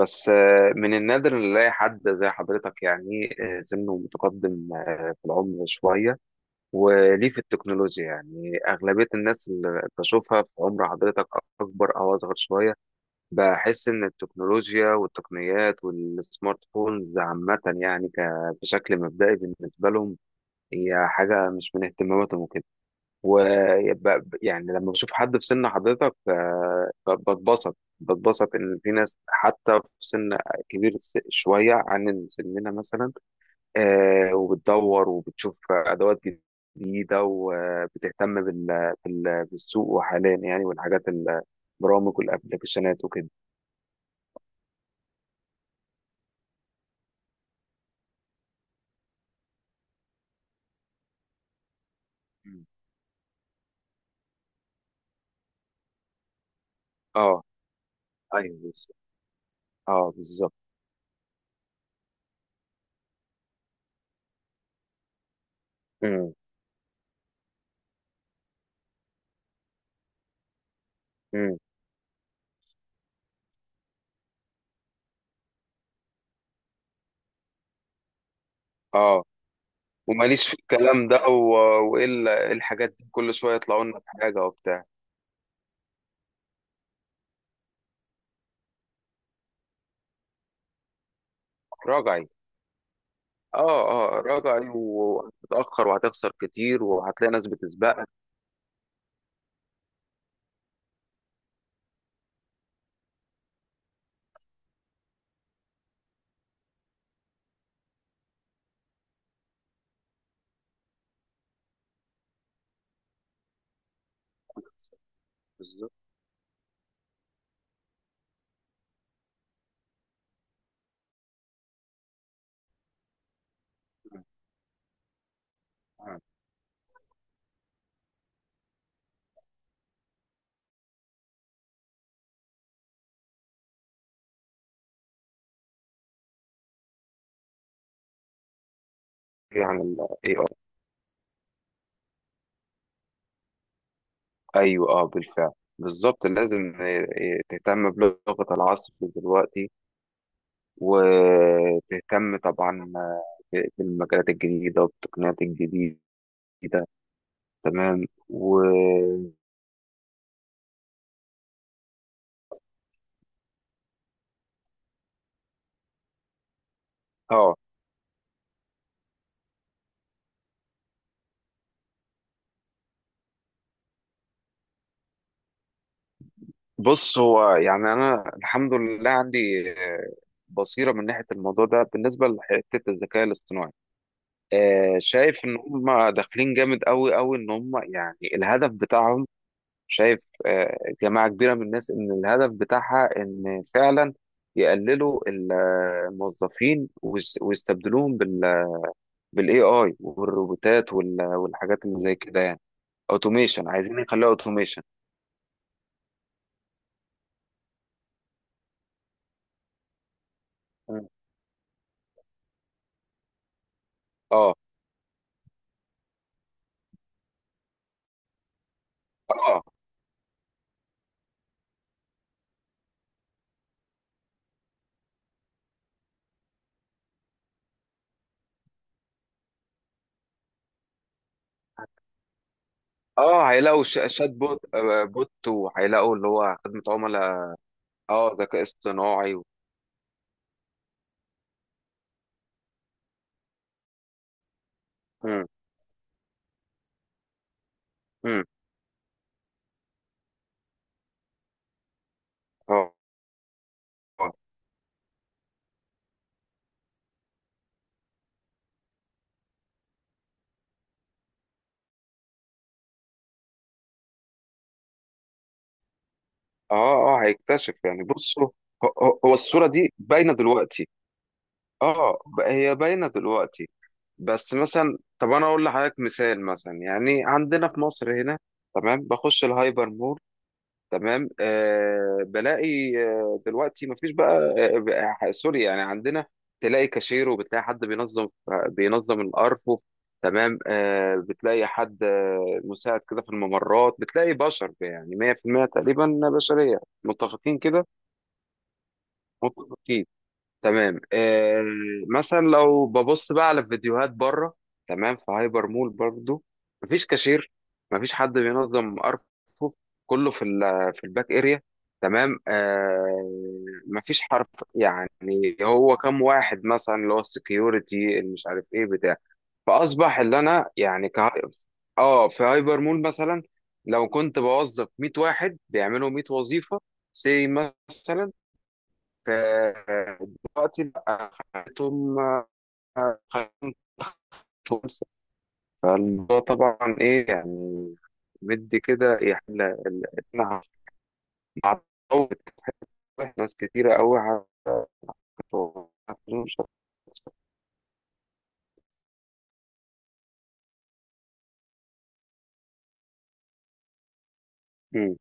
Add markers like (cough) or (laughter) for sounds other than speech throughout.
بس، من النادر إن نلاقي حد زي حضرتك، يعني سنه متقدم، في العمر شوية. وليه في التكنولوجيا؟ يعني أغلبية الناس اللي بشوفها في عمر حضرتك أكبر أو أصغر شوية. بحس إن التكنولوجيا والتقنيات والسمارت فونز عامة، يعني بشكل مبدئي بالنسبة لهم هي حاجة مش من اهتماماتهم. ويبقى يعني لما بشوف حد في سن حضرتك، بتبسط ان في ناس حتى في سن كبير شويه عن سننا مثلا. وبتدور وبتشوف ادوات جديده، وبتهتم بالسوق وحاليا يعني، والحاجات البرامج والابلكيشنات وكده. مم. اه. ايوه، بس. اه، بالظبط. امم. امم. اه، وماليش في الكلام ده و. والا إيه الحاجات دي؟ كل شويه يطلعوا لنا بحاجه وبتاع. راجعي. اه. اه، راجعي، وهتتأخر وهتخسر كتير وهتلاقي ناس بتسبقك. بالظبط. إيه عن ال AI؟ ايوه، اه بالفعل. بالظبط، لازم إيه، إيه، تهتم بلغة العصر دلوقتي، وتهتم طبعا بالمجالات الجديدة والتقنيات الجديدة. تمام. و. اه. بص، هو يعني انا الحمد لله عندي آه، بصيرة من ناحية الموضوع ده، بالنسبة لحتة الذكاء الاصطناعي. شايف ان هم داخلين جامد قوي قوي، ان هم يعني الهدف بتاعهم. شايف. آه. جماعة كبيرة من الناس ان الهدف بتاعها ان فعلا يقللوا الموظفين، ويستبدلوهم بالاي اي والروبوتات والحاجات اللي زي كده، يعني. اوتوميشن، عايزين يخلوها اوتوميشن. اه. اه. اه، هيلاقوا شات بوت، بوت، وهيلاقوا اللي هو خدمة عملاء. اه، ذكاء اصطناعي و. مم. مم. اه. اه. اه، هيكتشف يعني، بصوا. هو الصورة دي باينة دلوقتي. اه، هي باينة دلوقتي. بس مثلا، طب انا اقول لحضرتك مثال مثلا، يعني عندنا في مصر هنا. تمام، بخش الهايبر مول. تمام، بلاقي، دلوقتي مفيش بقى، سوري، يعني عندنا تلاقي كاشير، وبتلاقي حد بينظم الارفف. تمام، بتلاقي حد مساعد كده في الممرات، بتلاقي بشر يعني 100% تقريبا بشرية، متفقين كده. اكيد. تمام، آه. مثلا لو ببص بقى على فيديوهات بره، تمام، في هايبر مول برضو. مفيش كاشير. مفيش حد بينظم ارفف. كله في الباك اريا. تمام، آه. مفيش حرف. يعني هو كم واحد مثلا، اللي هو السكيورتي اللي مش عارف ايه، بتاع. فاصبح اللي انا يعني. اه، في هايبر مول مثلا لو كنت بوظف 100 واحد بيعملوا 100 وظيفه، سي مثلا. دلوقتي بقى خليتهم خمسة. فالموضوع طبعا إيه يعني، مدي كده يعني إحنا هنعوض. ناس كتيرة أوي هت- مش هت- مم.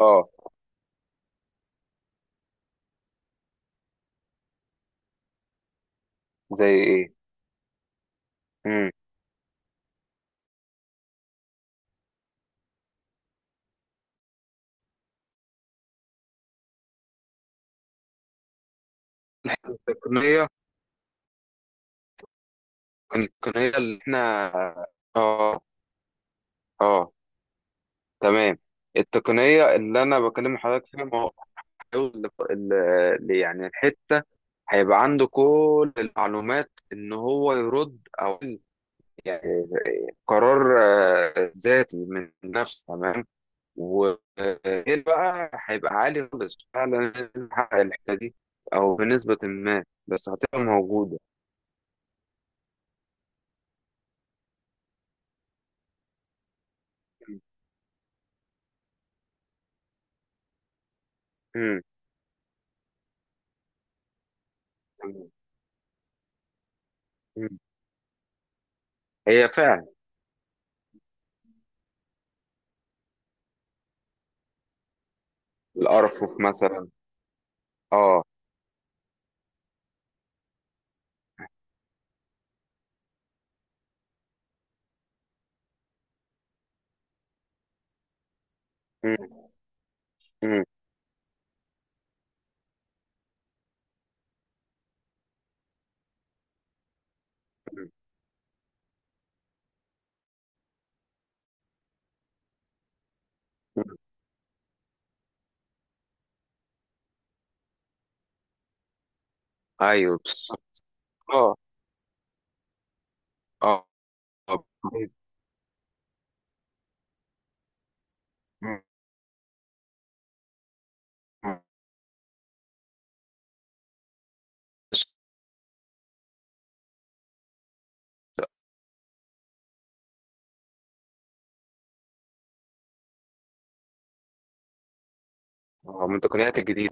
اه. زي ايه؟ مم. التقنية. التقنية اللي احنا. اه. اه. تمام. التقنية اللي انا بكلم حضرتك فيها، ما هو حلول يعني الحتة، هيبقى عنده كل المعلومات ان هو يرد، او يعني قرار ذاتي من نفسه، تمام. وغير بقى هيبقى عالي خالص فعلا نحقق الحته دي، او بنسبه ما، بس هتبقى موجوده. مم. مم. هي فعلا. الارفف مثلا. اه. مم. مم. مم. ايوه، بس. اه. اه. آه. مم. مم. من التقنيات الجديده.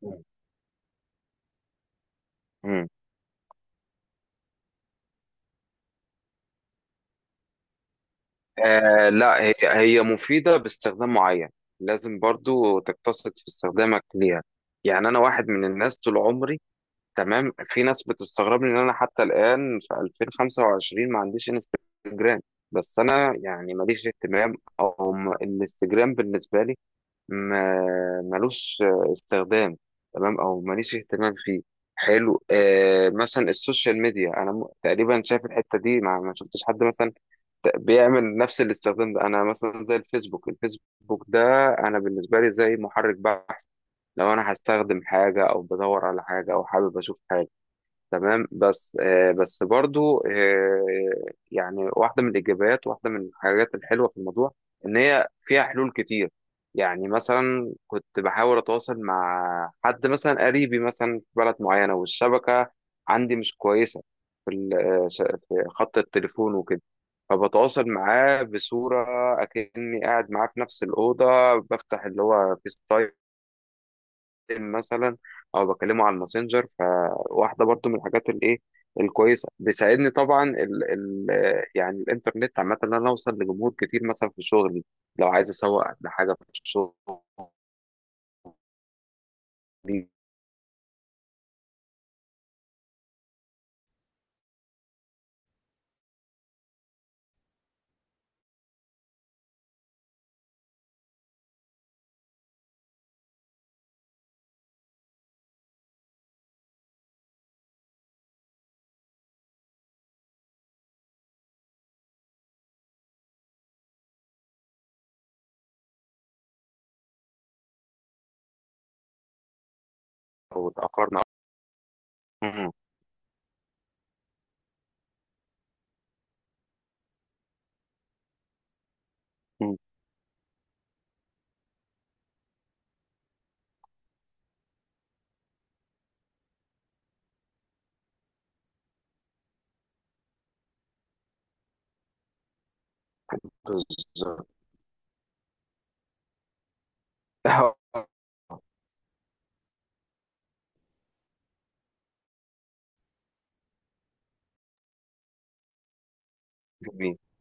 خلاص. لا، هي هي مفيدة باستخدام معين، لازم برضو تقتصد في استخدامك ليها. يعني أنا واحد من الناس طول عمري، تمام، في ناس بتستغربني إن أنا حتى الآن في 2025 ما عنديش انستجرام. بس أنا يعني ماليش اهتمام، أو الانستجرام بالنسبة لي ملوش استخدام، تمام، أو ماليش اهتمام فيه. حلو. مثلا السوشيال ميديا، أنا تقريبا شايف الحتة دي ما شفتش حد مثلا بيعمل نفس الاستخدام ده. انا مثلا زي الفيسبوك، الفيسبوك ده انا بالنسبه لي زي محرك بحث، لو انا هستخدم حاجه، او بدور على حاجه، او حابب اشوف حاجه. تمام. بس بس برضو يعني واحدة من الإيجابيات، واحدة من الحاجات الحلوة في الموضوع، إن هي فيها حلول كتير. يعني مثلا كنت بحاول أتواصل مع حد مثلا قريبي مثلا في بلد معينة، والشبكة عندي مش كويسة في في خط التليفون وكده، فبتواصل معاه بصورة أكني قاعد معاه في نفس الأوضة. بفتح اللي هو فيس تايم مثلا، او بكلمه على الماسنجر. فواحده برضو من الحاجات الايه الكويسه، بيساعدني طبعا ال ال يعني الانترنت عامه، ان انا اوصل لجمهور كتير مثلا في شغلي، لو عايز اسوق لحاجه في شغلي. او اتاخرنا. مم. مم. بالظبط. (laughs)